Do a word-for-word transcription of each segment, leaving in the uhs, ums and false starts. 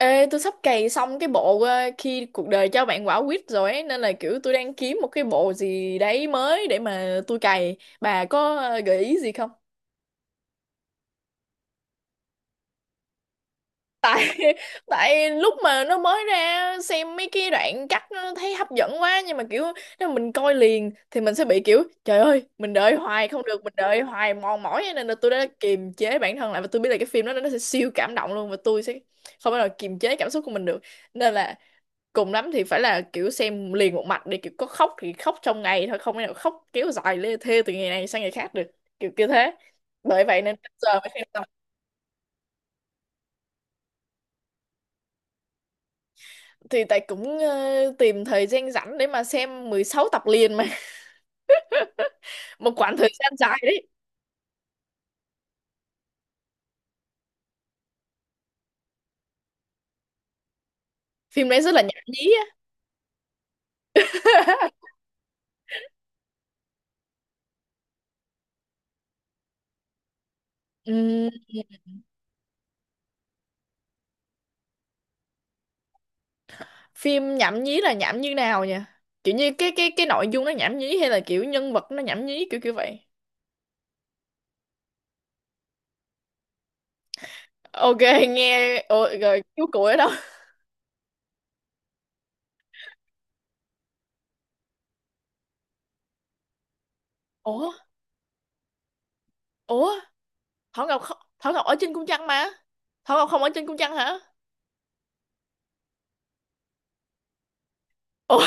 Ê, tôi sắp cày xong cái bộ ờ, khi cuộc đời cho bạn quả quýt rồi ấy, nên là kiểu tôi đang kiếm một cái bộ gì đấy mới để mà tôi cày. Bà có ờ, gợi ý gì không? Tại tại lúc mà nó mới ra xem mấy cái đoạn cắt nó thấy hấp dẫn quá nhưng mà kiểu nếu mà mình coi liền thì mình sẽ bị kiểu trời ơi, mình đợi hoài không được, mình đợi hoài mòn mỏi ấy, nên là tôi đã kiềm chế bản thân lại và tôi biết là cái phim đó nó sẽ siêu cảm động luôn và tôi sẽ không bao giờ kiềm chế cảm xúc của mình được. Nên là cùng lắm thì phải là kiểu xem liền một mạch để kiểu có khóc thì khóc trong ngày thôi không thể nào khóc kéo dài lê thê từ ngày này sang ngày khác được kiểu kiểu thế, bởi vậy nên bây giờ mới xem xong. Thì tại cũng ờ, tìm thời gian rảnh để mà xem mười sáu tập liền mà. Một khoảng thời gian dài đấy. Phim đấy rất là nhảm nhí á? Ừm, Phim nhảm nhí là nhảm như nào nhỉ? Kiểu như cái cái cái nội dung nó nhảm nhí hay là kiểu nhân vật nó nhảm nhí, kiểu kiểu vậy? Ok. Nghe ồ, rồi chú cụ ở đâu? Ủa. Ủa. Thỏ Ngọc, không, Thỏ Ngọc ở trên cung trăng mà. Thỏ Ngọc không ở trên cung trăng hả? Ủa.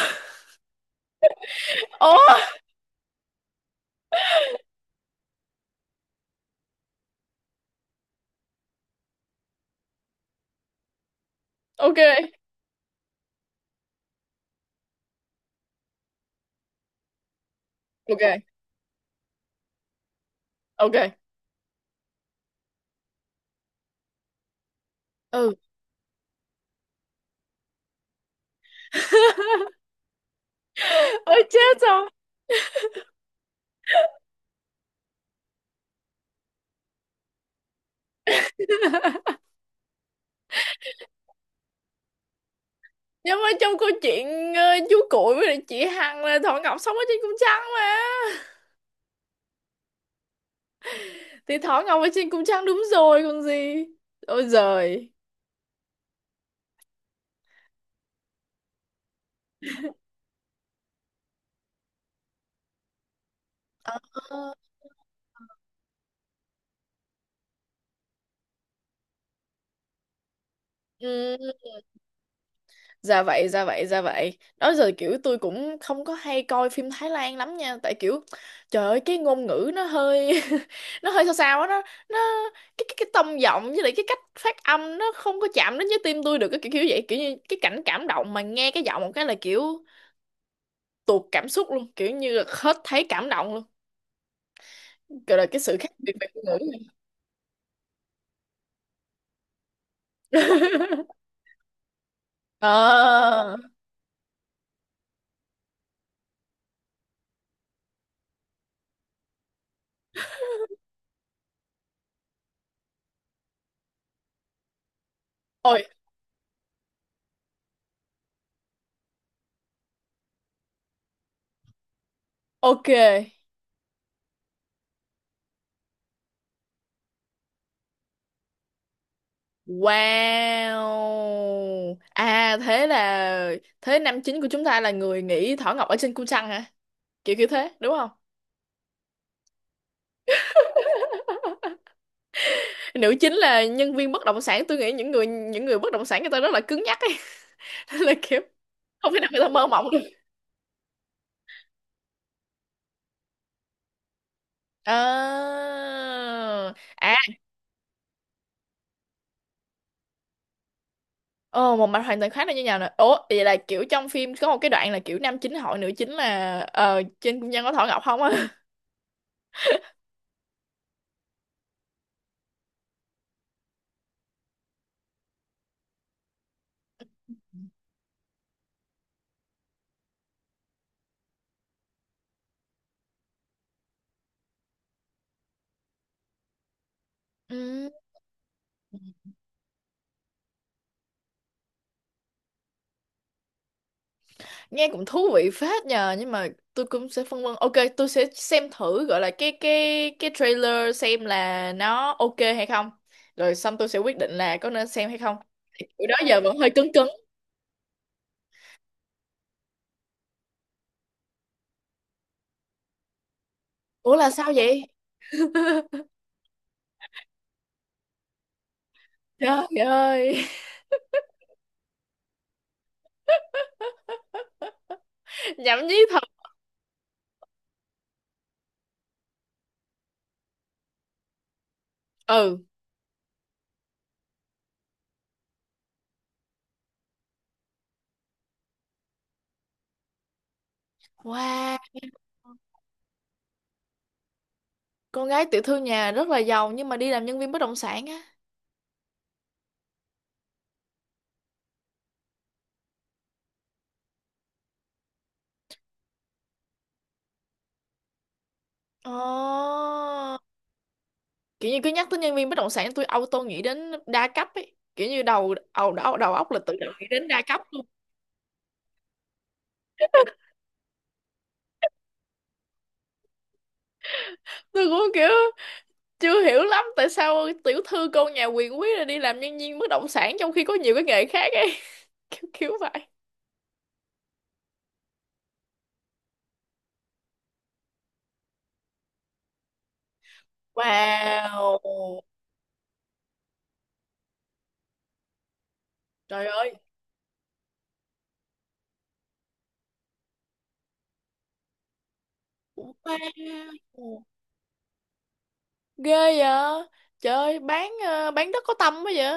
Ủa? Ok. Ok. Ok. Ừ. Ôi chết rồi. Nhưng mà trong câu chuyện ờ, chú Cuội với lại chị Hằng là Thỏ Ngọc sống ở trên cung trăng mà. Thì Thỏ Ngọc ở trên cung trăng đúng rồi còn gì. Ôi giời. Ờ. Ừ. Dạ vậy, dạ vậy, dạ vậy. Đó giờ kiểu tôi cũng không có hay coi phim Thái Lan lắm nha, tại kiểu trời ơi cái ngôn ngữ nó hơi nó hơi sao sao á, nó nó cái cái cái tông giọng với lại cái cách phát âm nó không có chạm đến với tim tôi được cái kiểu, kiểu vậy, kiểu như cái cảnh cảm động mà nghe cái giọng một cái là kiểu tuột cảm xúc luôn, kiểu như là hết thấy cảm động luôn. Kiểu là cái sự khác biệt về ngôn ngữ này. Ờ. Ôi. Ok. Wow. À thế là thế nam chính của chúng ta là người nghỉ Thỏ Ngọc ở trên cung trăng hả? Kiểu kiểu thế, đúng không? Nữ chính là nhân viên bất động sản, tôi nghĩ những người những người bất động sản người ta rất là cứng nhắc ấy. Nên là kiểu không thể nào người ta mơ mộng được. À. À. Ồ, một mạch hoàn toàn khác là như nào nè? Ủa, vậy là kiểu trong phim có một cái đoạn là kiểu nam chính hỏi nữ chính là ờ trên cung trăng có Thỏ Ngọc không á? Ừ. Nghe cũng thú vị phết nhờ, nhưng mà tôi cũng sẽ phân vân. Ok, tôi sẽ xem thử gọi là cái cái cái trailer xem là nó ok hay không, rồi xong tôi sẽ quyết định là có nên xem hay không. Bữa đó giờ vẫn hơi cứng cứng. Ủa là sao vậy? Trời ơi. Nhảm nhí thật. Ừ. Wow. Con gái tiểu thư nhà rất là giàu nhưng mà đi làm nhân viên bất động sản á? Ồ, kiểu như cứ nhắc tới nhân viên bất động sản tôi auto nghĩ đến đa cấp ấy, kiểu như đầu đầu đầu, đầu óc là tự động nghĩ đến đa cấp. Tôi cũng kiểu chưa hiểu lắm tại sao tiểu thư cô nhà quyền quý lại đi làm nhân viên bất động sản trong khi có nhiều cái nghề khác ấy. Kiểu kiểu vậy. Wow, trời ơi, wow. Ghê vậy. Trời ơi, bán ờ, bán đất có tâm quá vậy.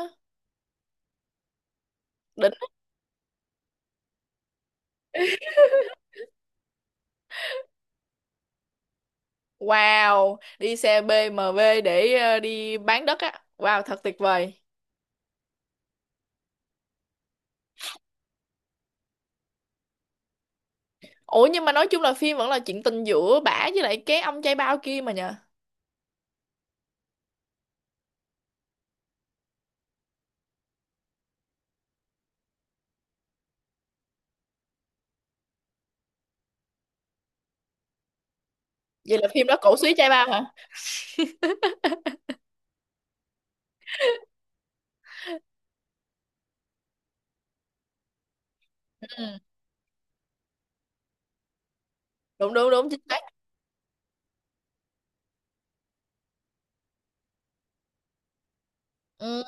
Đỉnh. Wow, đi xe bê em vê để ờ, đi bán đất á. Wow, thật tuyệt vời. Ủa nhưng mà nói chung là phim vẫn là chuyện tình giữa bả với lại cái ông trai bao kia mà nhờ. Vậy là phim đó cổ súy trai bao hả? Ừ. Đúng đúng đúng chính xác. Ừ.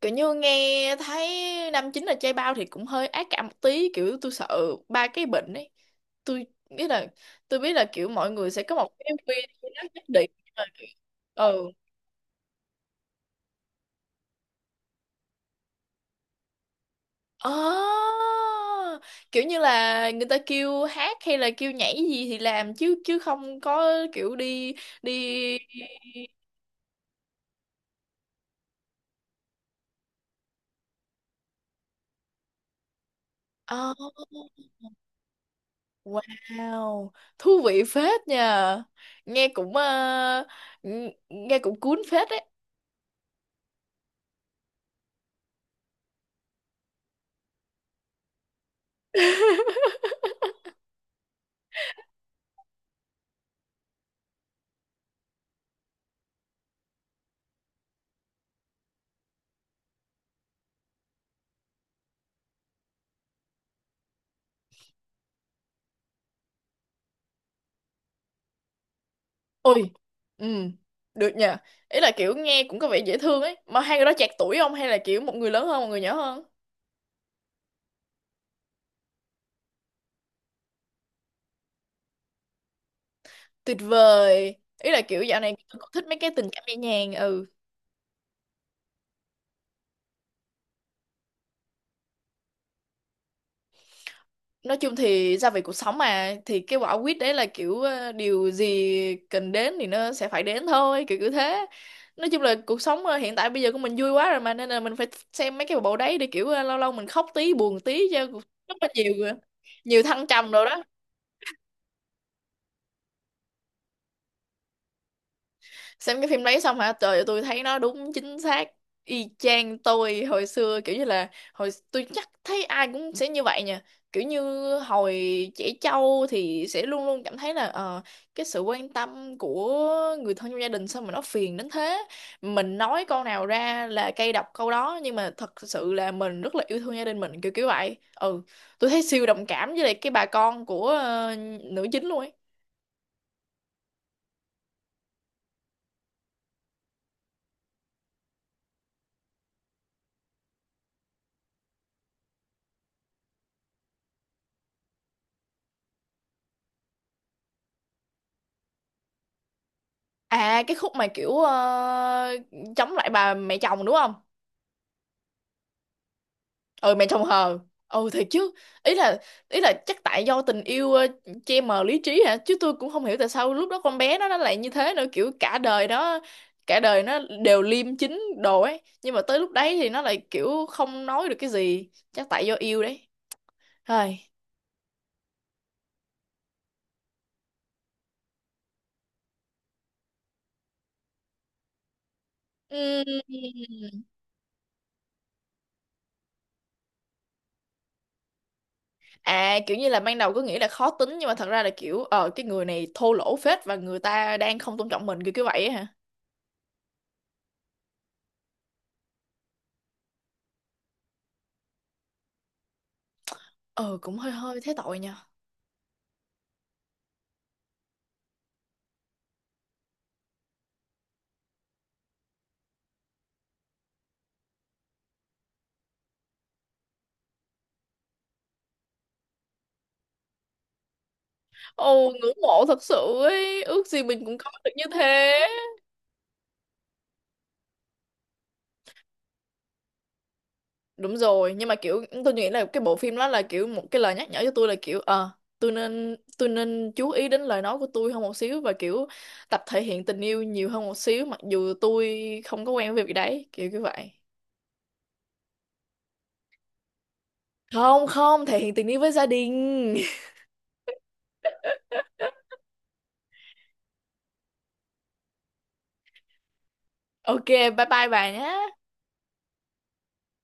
Kiểu như nghe thấy năm chín là chay bao thì cũng hơi ác cảm một tí, kiểu tôi sợ ba cái bệnh ấy. Tôi biết là tôi biết là kiểu mọi người sẽ có một cái viên nó nhất định nhưng mà kiểu- Ừ. Ờ, kiểu như là người ta kêu hát hay là kêu nhảy gì thì làm chứ, chứ không có kiểu đi đi. Ờ. Wow, thú vị phết nha. Nghe cũng ờ, ng- nghe cũng cuốn phết đấy. Ôi. Ừ. Được nhờ. Ý là kiểu nghe cũng có vẻ dễ thương ấy. Mà hai người đó chạc tuổi không? Hay là kiểu một người lớn hơn, một người nhỏ hơn? Tuyệt vời. Ý là kiểu dạo này tôi cũng thích mấy cái tình cảm nhẹ nhàng. Ừ. Nói chung thì gia vị cuộc sống mà. Thì cái quả quýt đấy là kiểu ờ, điều gì cần đến thì nó sẽ phải đến thôi. Kiểu kiểu thế. Nói chung là cuộc sống ờ, hiện tại bây giờ của mình vui quá rồi mà. Nên là mình phải xem mấy cái bộ đấy để kiểu ờ, lâu lâu mình khóc tí, buồn tí cho cuộc sống nó nhiều ờ, nhiều thăng trầm rồi đó. Xem cái phim đấy xong hả? Trời ơi, tôi thấy nó đúng chính xác y chang tôi hồi xưa, kiểu như là hồi tôi chắc thấy ai cũng sẽ như vậy nha, kiểu như hồi trẻ trâu thì sẽ luôn luôn cảm thấy là ờ, cái sự quan tâm của người thân trong gia đình sao mà nó phiền đến thế, mình nói câu nào ra là cay độc câu đó nhưng mà thật sự là mình rất là yêu thương gia đình mình, kiểu kiểu vậy. Ừ, tôi thấy siêu đồng cảm với lại cái bà con của ờ, nữ chính luôn ấy. À cái khúc mà kiểu ờ, chống lại bà mẹ chồng đúng không? Ừ mẹ chồng hờ. Ừ thiệt chứ. Ý là ý là chắc tại do tình yêu ờ, che mờ lý trí hả? Chứ tôi cũng không hiểu tại sao lúc đó con bé nó nó lại như thế nữa, kiểu cả đời đó, cả đời nó đều liêm chính đồ ấy, nhưng mà tới lúc đấy thì nó lại kiểu không nói được cái gì, chắc tại do yêu đấy. Thôi. Ừm. À kiểu như là ban đầu cứ nghĩ là khó tính nhưng mà thật ra là kiểu ờ cái người này thô lỗ phết và người ta đang không tôn trọng mình, kiểu kiểu vậy á hả? Ờ cũng hơi hơi thế tội nha. Ồ ngưỡng mộ thật sự ấy, ước gì mình cũng có được như thế. Đúng rồi, nhưng mà kiểu tôi nghĩ là cái bộ phim đó là kiểu một cái lời nhắc nhở cho tôi là kiểu ờ tôi nên tôi nên chú ý đến lời nói của tôi hơn một xíu và kiểu tập thể hiện tình yêu nhiều hơn một xíu mặc dù tôi không có quen với việc đấy, kiểu như vậy. Không không, thể hiện tình yêu với gia đình. Ok, bye bye bà nhé.